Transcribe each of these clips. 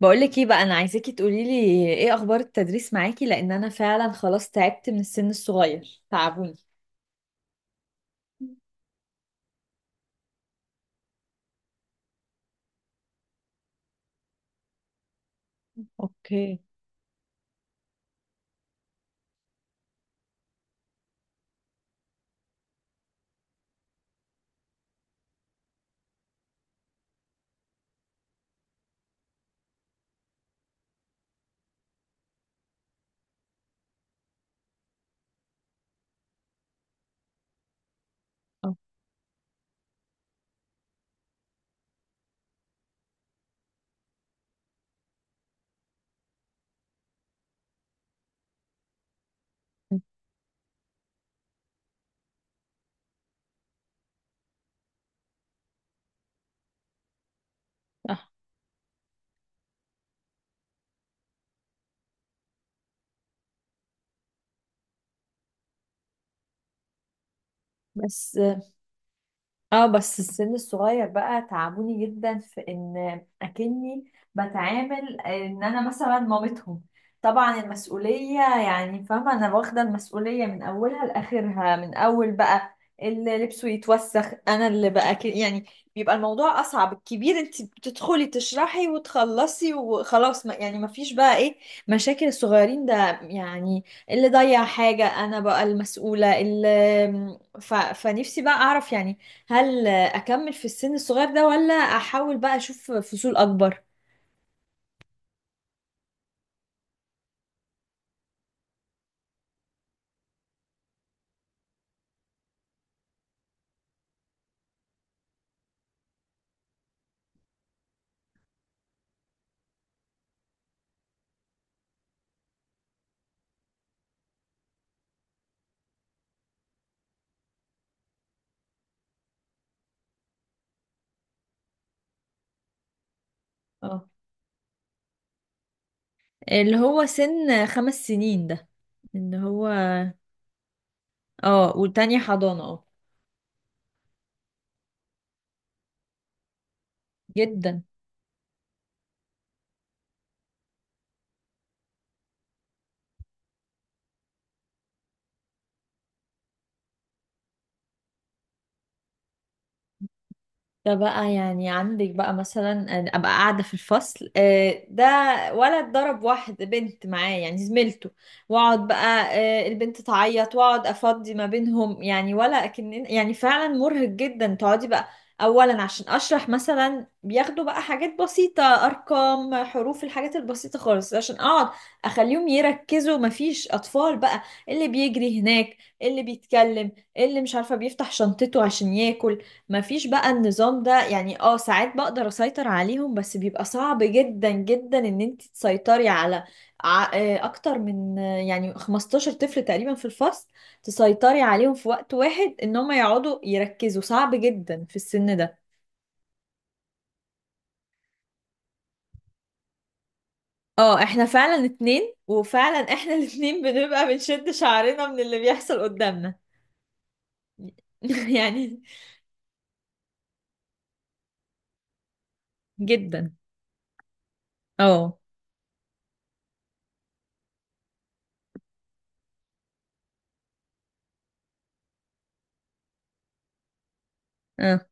بقولك ايه بقى؟ انا عايزاكي تقوليلي ايه اخبار التدريس معاكي، لان انا فعلا خلاص تعبت من السن الصغير، تعبوني. اوكي. أوكي. صح. بس اه بس السن الصغير بقى تعبوني جدا في ان اكني بتعامل ان انا مثلا مامتهم. طبعا المسؤولية، يعني فاهمة، انا واخدة المسؤولية من اولها لاخرها، من اول بقى اللي لبسه يتوسخ انا اللي، بقى كده يعني بيبقى الموضوع اصعب. الكبير انت بتدخلي تشرحي وتخلصي وخلاص، ما يعني ما فيش بقى ايه مشاكل الصغيرين ده. يعني اللي ضيع حاجة انا بقى المسؤولة اللي فنفسي بقى اعرف، يعني هل اكمل في السن الصغير ده، ولا احاول بقى اشوف فصول اكبر؟ اه، اللي هو سن خمس سنين ده، اللي هو. اه، والتانية حضانة، اه. جدا. ده بقى يعني عندك بقى مثلا أنا ابقى قاعده في الفصل، ده ولد ضرب واحد، بنت معاه يعني زميلته، واقعد بقى، البنت تعيط، واقعد افضي ما بينهم، يعني ولا اكن يعني فعلا مرهق جدا تقعدي بقى اولا عشان اشرح. مثلا بياخدوا بقى حاجات بسيطه، ارقام، حروف، الحاجات البسيطه خالص، عشان اقعد اخليهم يركزوا، مفيش اطفال بقى اللي بيجري هناك، اللي بيتكلم، اللي مش عارفه بيفتح شنطته عشان ياكل. ما فيش بقى النظام ده، يعني ساعات بقدر اسيطر عليهم، بس بيبقى صعب جدا جدا ان انت تسيطري على اكتر من يعني 15 طفل تقريبا في الفصل، تسيطري عليهم في وقت واحد ان هم يقعدوا يركزوا، صعب جدا في السن ده. اه، احنا فعلا اتنين، وفعلا احنا الاتنين بنبقى بنشد شعرنا من اللي بيحصل قدامنا. يعني. جدا. اه، اه،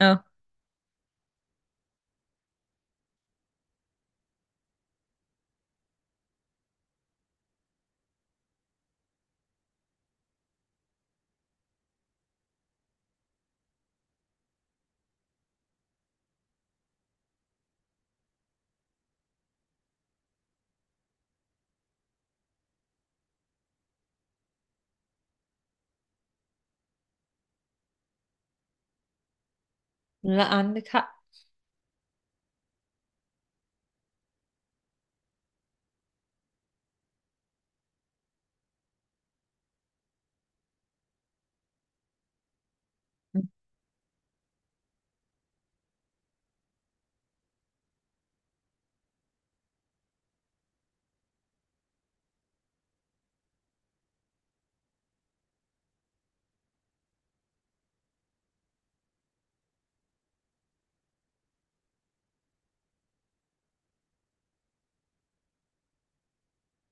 اه. لا عندك حق.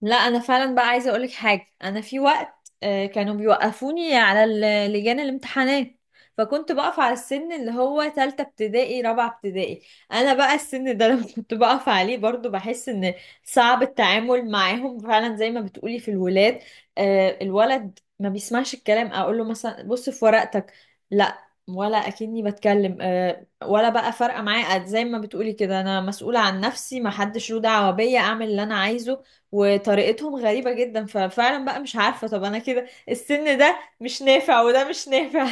لا، انا فعلا بقى عايزه اقولك حاجه. انا في وقت كانوا بيوقفوني على لجان الامتحانات، فكنت بقف على السن اللي هو تالتة ابتدائي، رابعة ابتدائي. انا بقى السن ده لما كنت بقف عليه برضو بحس ان صعب التعامل معاهم، فعلا زي ما بتقولي في الولاد. الولد ما بيسمعش الكلام، اقول له مثلا بص في ورقتك، لا، ولا اكني بتكلم. ولا بقى فارقه معايا، زي ما بتقولي كده انا مسؤوله عن نفسي، ما حدش له دعوه بيا، اعمل اللي انا عايزه. وطريقتهم غريبة جدا، ففعلا بقى مش عارفة، طب انا كده السن ده مش نافع وده مش نافع.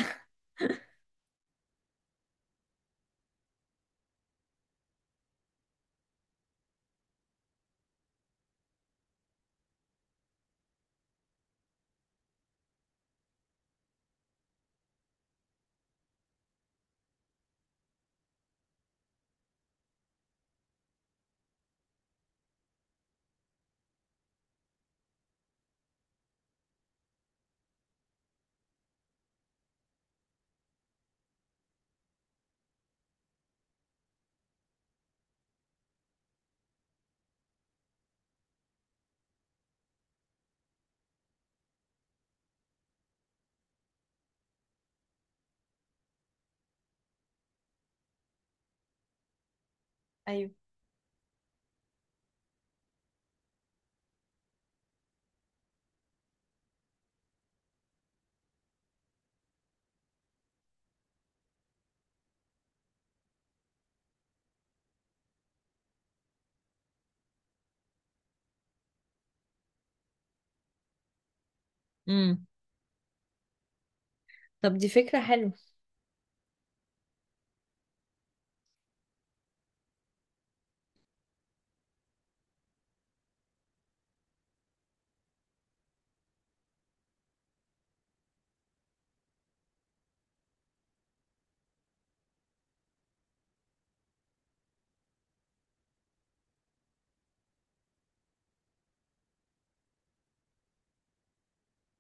ايوه. امم. طب دي فكرة حلوة.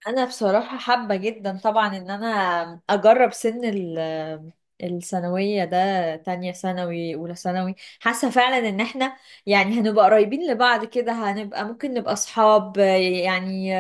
انا بصراحة حابة جدا طبعا ان انا اجرب سن الثانوية ده، تانية ثانوي، اولى ثانوي. حاسة فعلا ان احنا يعني هنبقى قريبين لبعض كده، هنبقى ممكن نبقى اصحاب يعني.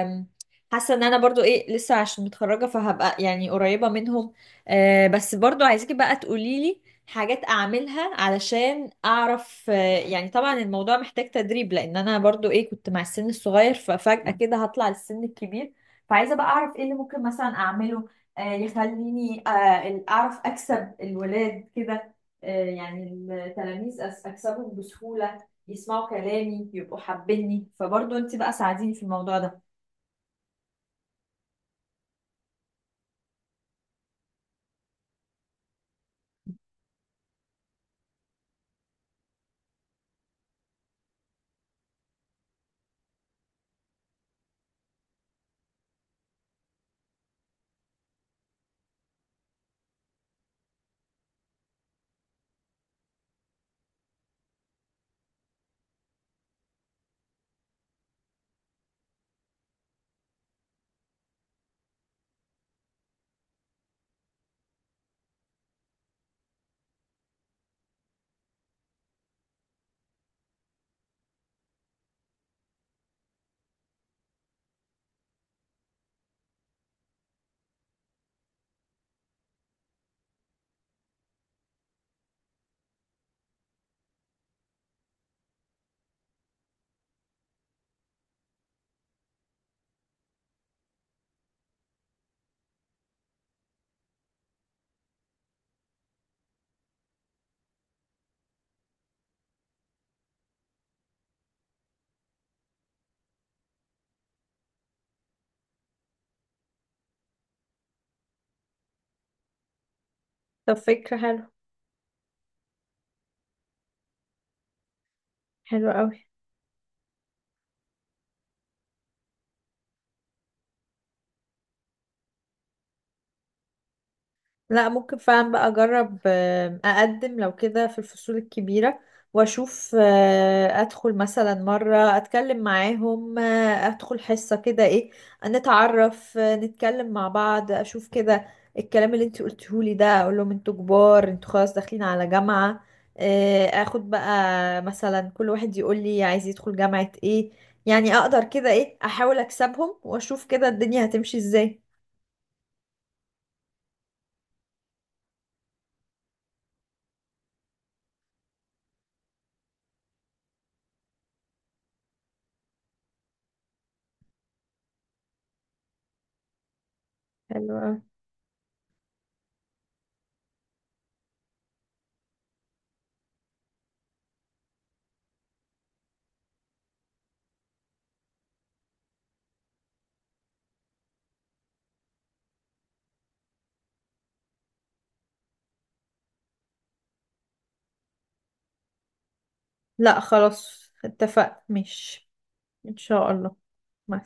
حاسة ان انا برضو ايه لسه عشان متخرجة، فهبقى يعني قريبة منهم. بس برضو عايزك بقى تقوليلي حاجات اعملها علشان اعرف، يعني طبعا الموضوع محتاج تدريب، لان انا برضو ايه كنت مع السن الصغير، ففجأة كده هطلع للسن الكبير. فعايزه بقى اعرف ايه اللي ممكن مثلا اعمله، يخليني، اعرف اكسب الولاد كده، يعني التلاميذ، اكسبهم بسهوله، يسمعوا كلامي، يبقوا حابيني، فبرضه انت بقى ساعديني في الموضوع ده. طب فكرة حلوة. حلوة أوي. لا، ممكن فعلا بقى اجرب، اقدم لو كده في الفصول الكبيرة، واشوف، ادخل مثلا مرة اتكلم معاهم، ادخل حصة كده ايه، نتعرف، نتكلم مع بعض، اشوف كده الكلام اللي انت قلتهولي ده. اقول لهم انتوا كبار، انتوا خلاص داخلين على جامعة، اخد بقى مثلا كل واحد يقول لي عايز يدخل جامعة ايه، يعني اقدر كده ايه احاول اكسبهم، واشوف كده الدنيا هتمشي ازاي. حلو. لا خلاص اتفقنا. مش ان شاء الله. مع